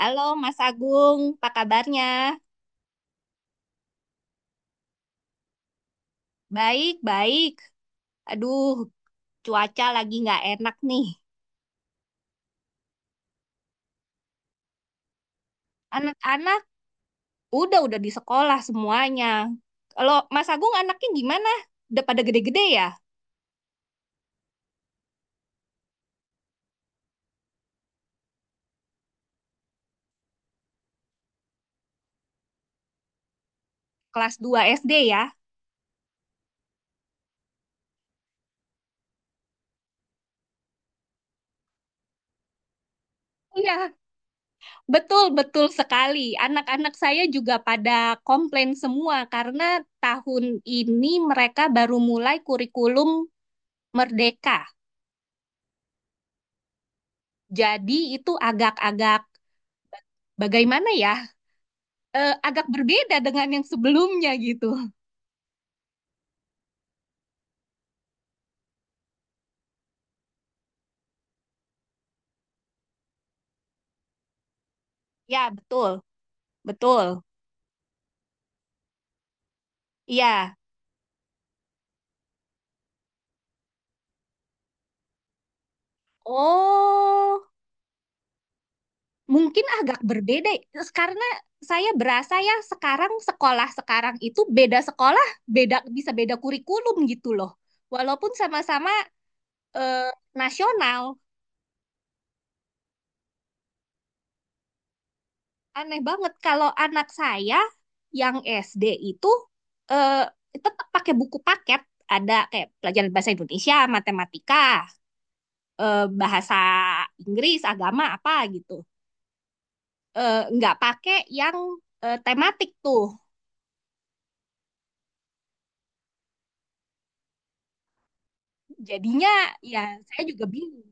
Halo Mas Agung, apa kabarnya? Baik, baik. Aduh, cuaca lagi nggak enak nih. Anak-anak udah di sekolah semuanya. Kalau Mas Agung anaknya gimana? Udah pada gede-gede ya? Kelas 2 SD ya? Iya, betul betul sekali. Anak-anak saya juga pada komplain semua karena tahun ini mereka baru mulai kurikulum Merdeka. Jadi itu agak-agak bagaimana ya? Agak berbeda dengan yang sebelumnya gitu. Ya, betul. Betul. Iya. Oh, mungkin agak berbeda terus karena saya berasa ya sekarang sekolah sekarang itu beda sekolah, beda bisa beda kurikulum gitu loh. Walaupun sama-sama eh, nasional, aneh banget kalau anak saya yang SD itu eh, tetap pakai buku paket, ada kayak pelajaran bahasa Indonesia, matematika. Bahasa Inggris, agama apa gitu. Nggak pakai yang tematik tuh. Jadinya ya saya juga bingung.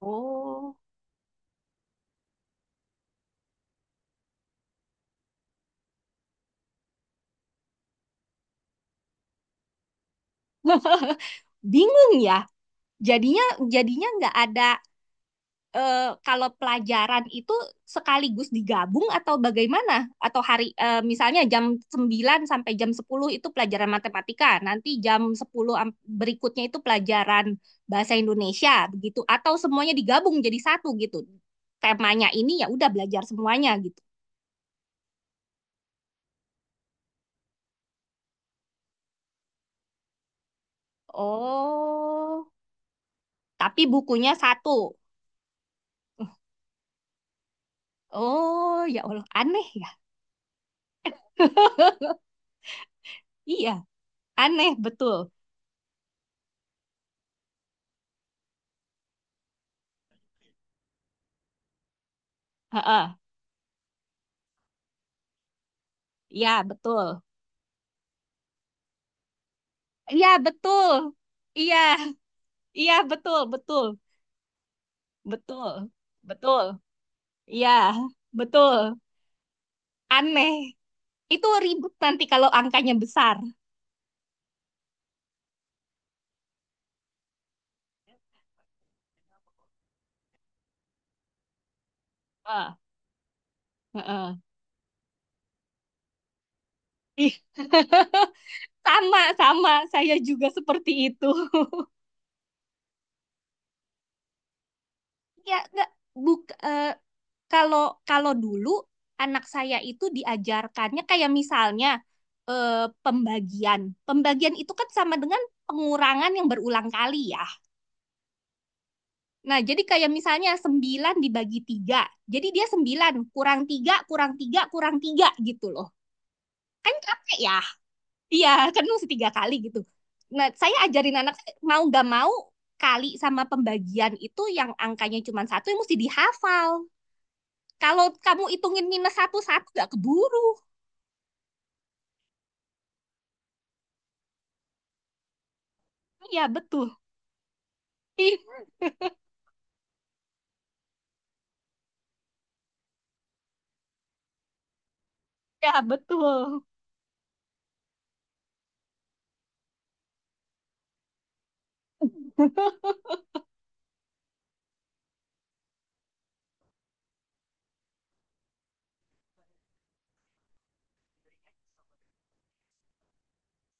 Oh. Bingung ya. Jadinya jadinya nggak ada eh, kalau pelajaran itu sekaligus digabung atau bagaimana? Atau hari misalnya jam 9 sampai jam 10 itu pelajaran matematika, nanti jam 10 berikutnya itu pelajaran bahasa Indonesia, begitu, atau semuanya digabung jadi satu gitu. Temanya ini ya udah belajar semuanya gitu. Oh, tapi bukunya satu. Oh, ya Allah, aneh ya. Iya, aneh betul. Heeh. Iya, betul. Iya, betul. Iya. Iya, betul, betul, betul, betul. Iya, betul. Aneh. Itu ribut nanti kalau angkanya besar. Ah, heeh. Ih, Sama, sama. Saya juga seperti itu. Ya, nggak, buk, eh, kalau kalau dulu anak saya itu diajarkannya kayak misalnya eh, pembagian. Pembagian itu kan sama dengan pengurangan yang berulang kali ya. Nah, jadi kayak misalnya 9 dibagi tiga. Jadi dia 9 kurang 3 kurang 3 kurang 3 gitu loh. Kan capek ya? Iya, kan mesti tiga kali gitu. Nah, saya ajarin anak mau nggak mau kali sama pembagian itu yang angkanya cuma satu yang mesti dihafal. Kalau kamu hitungin minus satu-satu nggak keburu. Iya, betul. Iya, betul.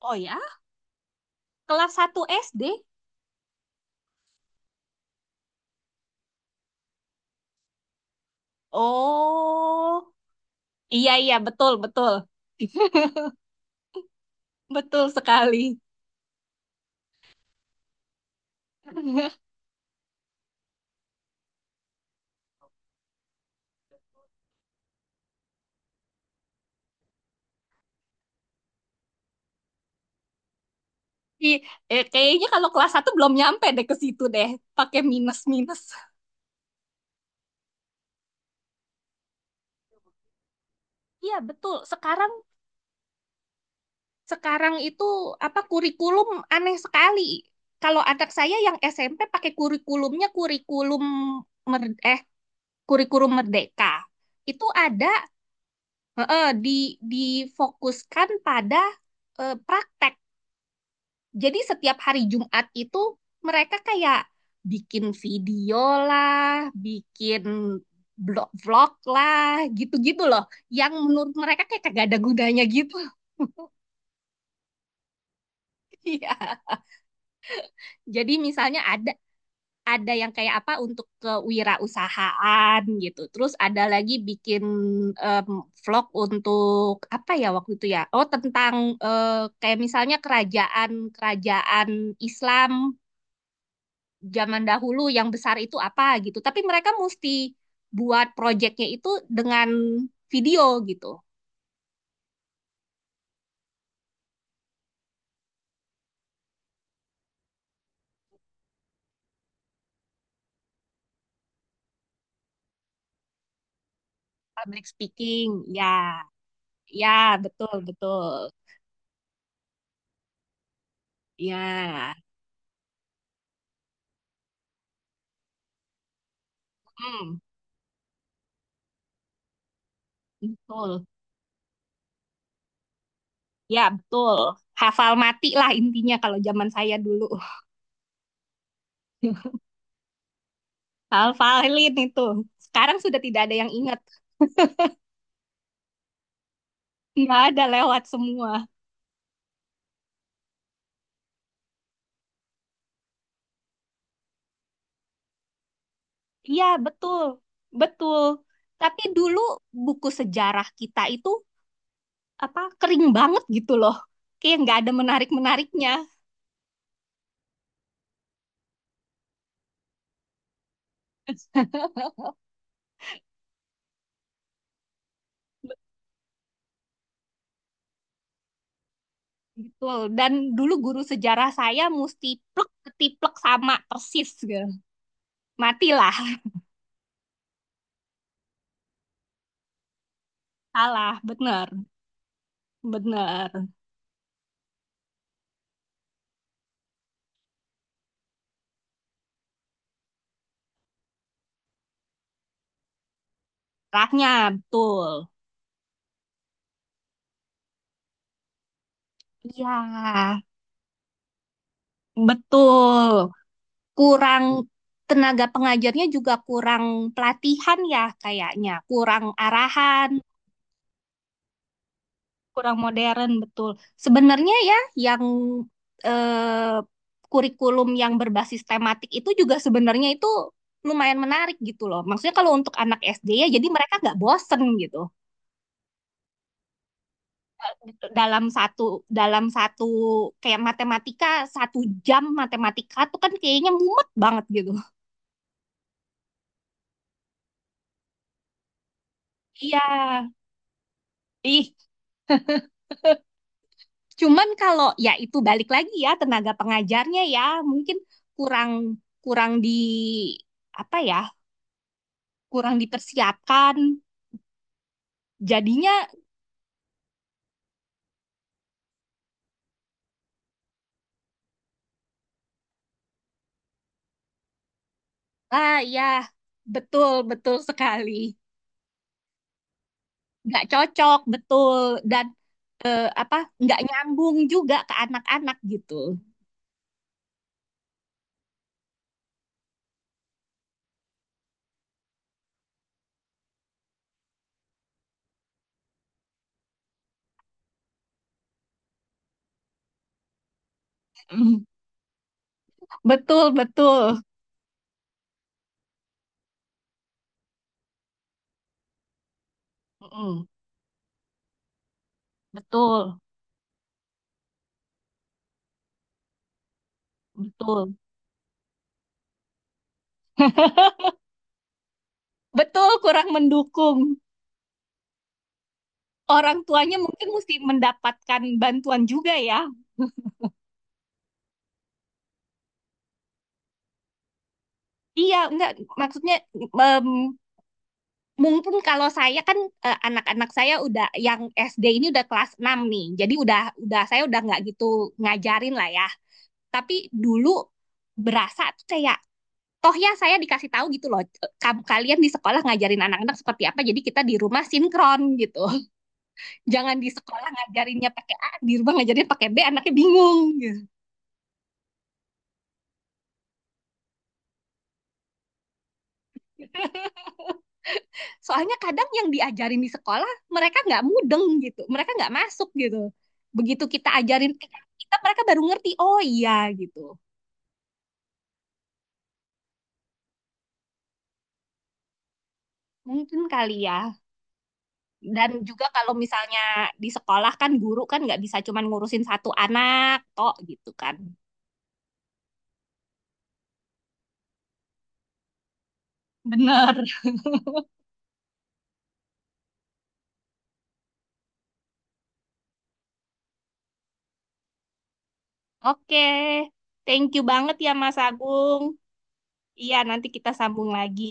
Oh ya, kelas 1 SD. Oh, iya, iya, betul, betul. Betul sekali. Di, kayaknya kalau kelas satu belum nyampe deh ke situ deh, pakai minus-minus. Iya, betul. Sekarang sekarang itu apa kurikulum aneh sekali. Kalau anak saya yang SMP pakai kurikulumnya mer- eh kurikulum merdeka. Itu ada di difokuskan pada praktek. Jadi setiap hari Jumat itu mereka kayak bikin video lah, bikin blog vlog lah, gitu-gitu loh. Yang menurut mereka kayak kagak ada gunanya gitu. Iya. Jadi misalnya ada yang kayak apa untuk kewirausahaan gitu. Terus ada lagi bikin em, vlog untuk apa ya waktu itu ya? Oh, tentang kayak misalnya kerajaan-kerajaan Islam zaman dahulu yang besar itu apa gitu. Tapi mereka mesti buat projectnya itu dengan video gitu. Public speaking, ya, ya, betul, betul, ya, hmm, betul, ya, betul. Hafal mati lah intinya kalau zaman saya dulu. Hafalin itu. Sekarang sudah tidak ada yang ingat. Nggak ada lewat semua. Iya, betul, betul. Tapi dulu buku sejarah kita itu apa kering banget gitu loh, kayak nggak ada menarik menariknya. Betul. Dan dulu guru sejarah saya mesti plek ketiplek sama persis gitu. Matilah. Salah bener, bener, arahnya betul. Iya, betul, kurang. Tenaga pengajarnya juga kurang pelatihan ya, kayaknya kurang arahan, kurang modern, betul. Sebenarnya ya yang eh, kurikulum yang berbasis tematik itu juga sebenarnya itu lumayan menarik gitu loh. Maksudnya kalau untuk anak SD ya jadi mereka nggak bosen gitu. Dalam satu dalam satu kayak matematika, satu jam matematika tuh kan kayaknya mumet banget gitu. Iya. Ih, cuman kalau ya itu balik lagi ya tenaga pengajarnya ya mungkin kurang kurang di apa ya, kurang dipersiapkan. Jadinya, ah ya, betul, betul sekali. Nggak cocok, betul. Dan apa nggak nyambung juga ke anak-anak gitu. Mm, betul, betul. Mm, betul, betul. Betul, kurang mendukung. Orang tuanya mungkin mesti mendapatkan bantuan juga ya. Iya, enggak, maksudnya em, Mungkin kalau saya kan anak-anak saya udah yang SD ini udah kelas 6 nih. Jadi udah saya udah nggak gitu ngajarin lah ya. Tapi dulu berasa tuh kayak toh ya saya dikasih tahu gitu loh. "Eh, Kalian di sekolah ngajarin anak-anak seperti apa. Jadi kita di rumah sinkron gitu." Jangan di sekolah ngajarinnya pakai A, di rumah ngajarinnya pakai B, anaknya bingung gitu. Soalnya kadang yang diajarin di sekolah mereka nggak mudeng gitu, mereka nggak masuk gitu. Begitu kita ajarin ke kita, mereka baru ngerti, oh iya gitu. Mungkin kali ya. Dan juga kalau misalnya di sekolah kan guru kan nggak bisa cuman ngurusin satu anak, toh gitu kan. Bener. Oke, thank you banget ya Mas Agung. Iya, nanti kita sambung lagi.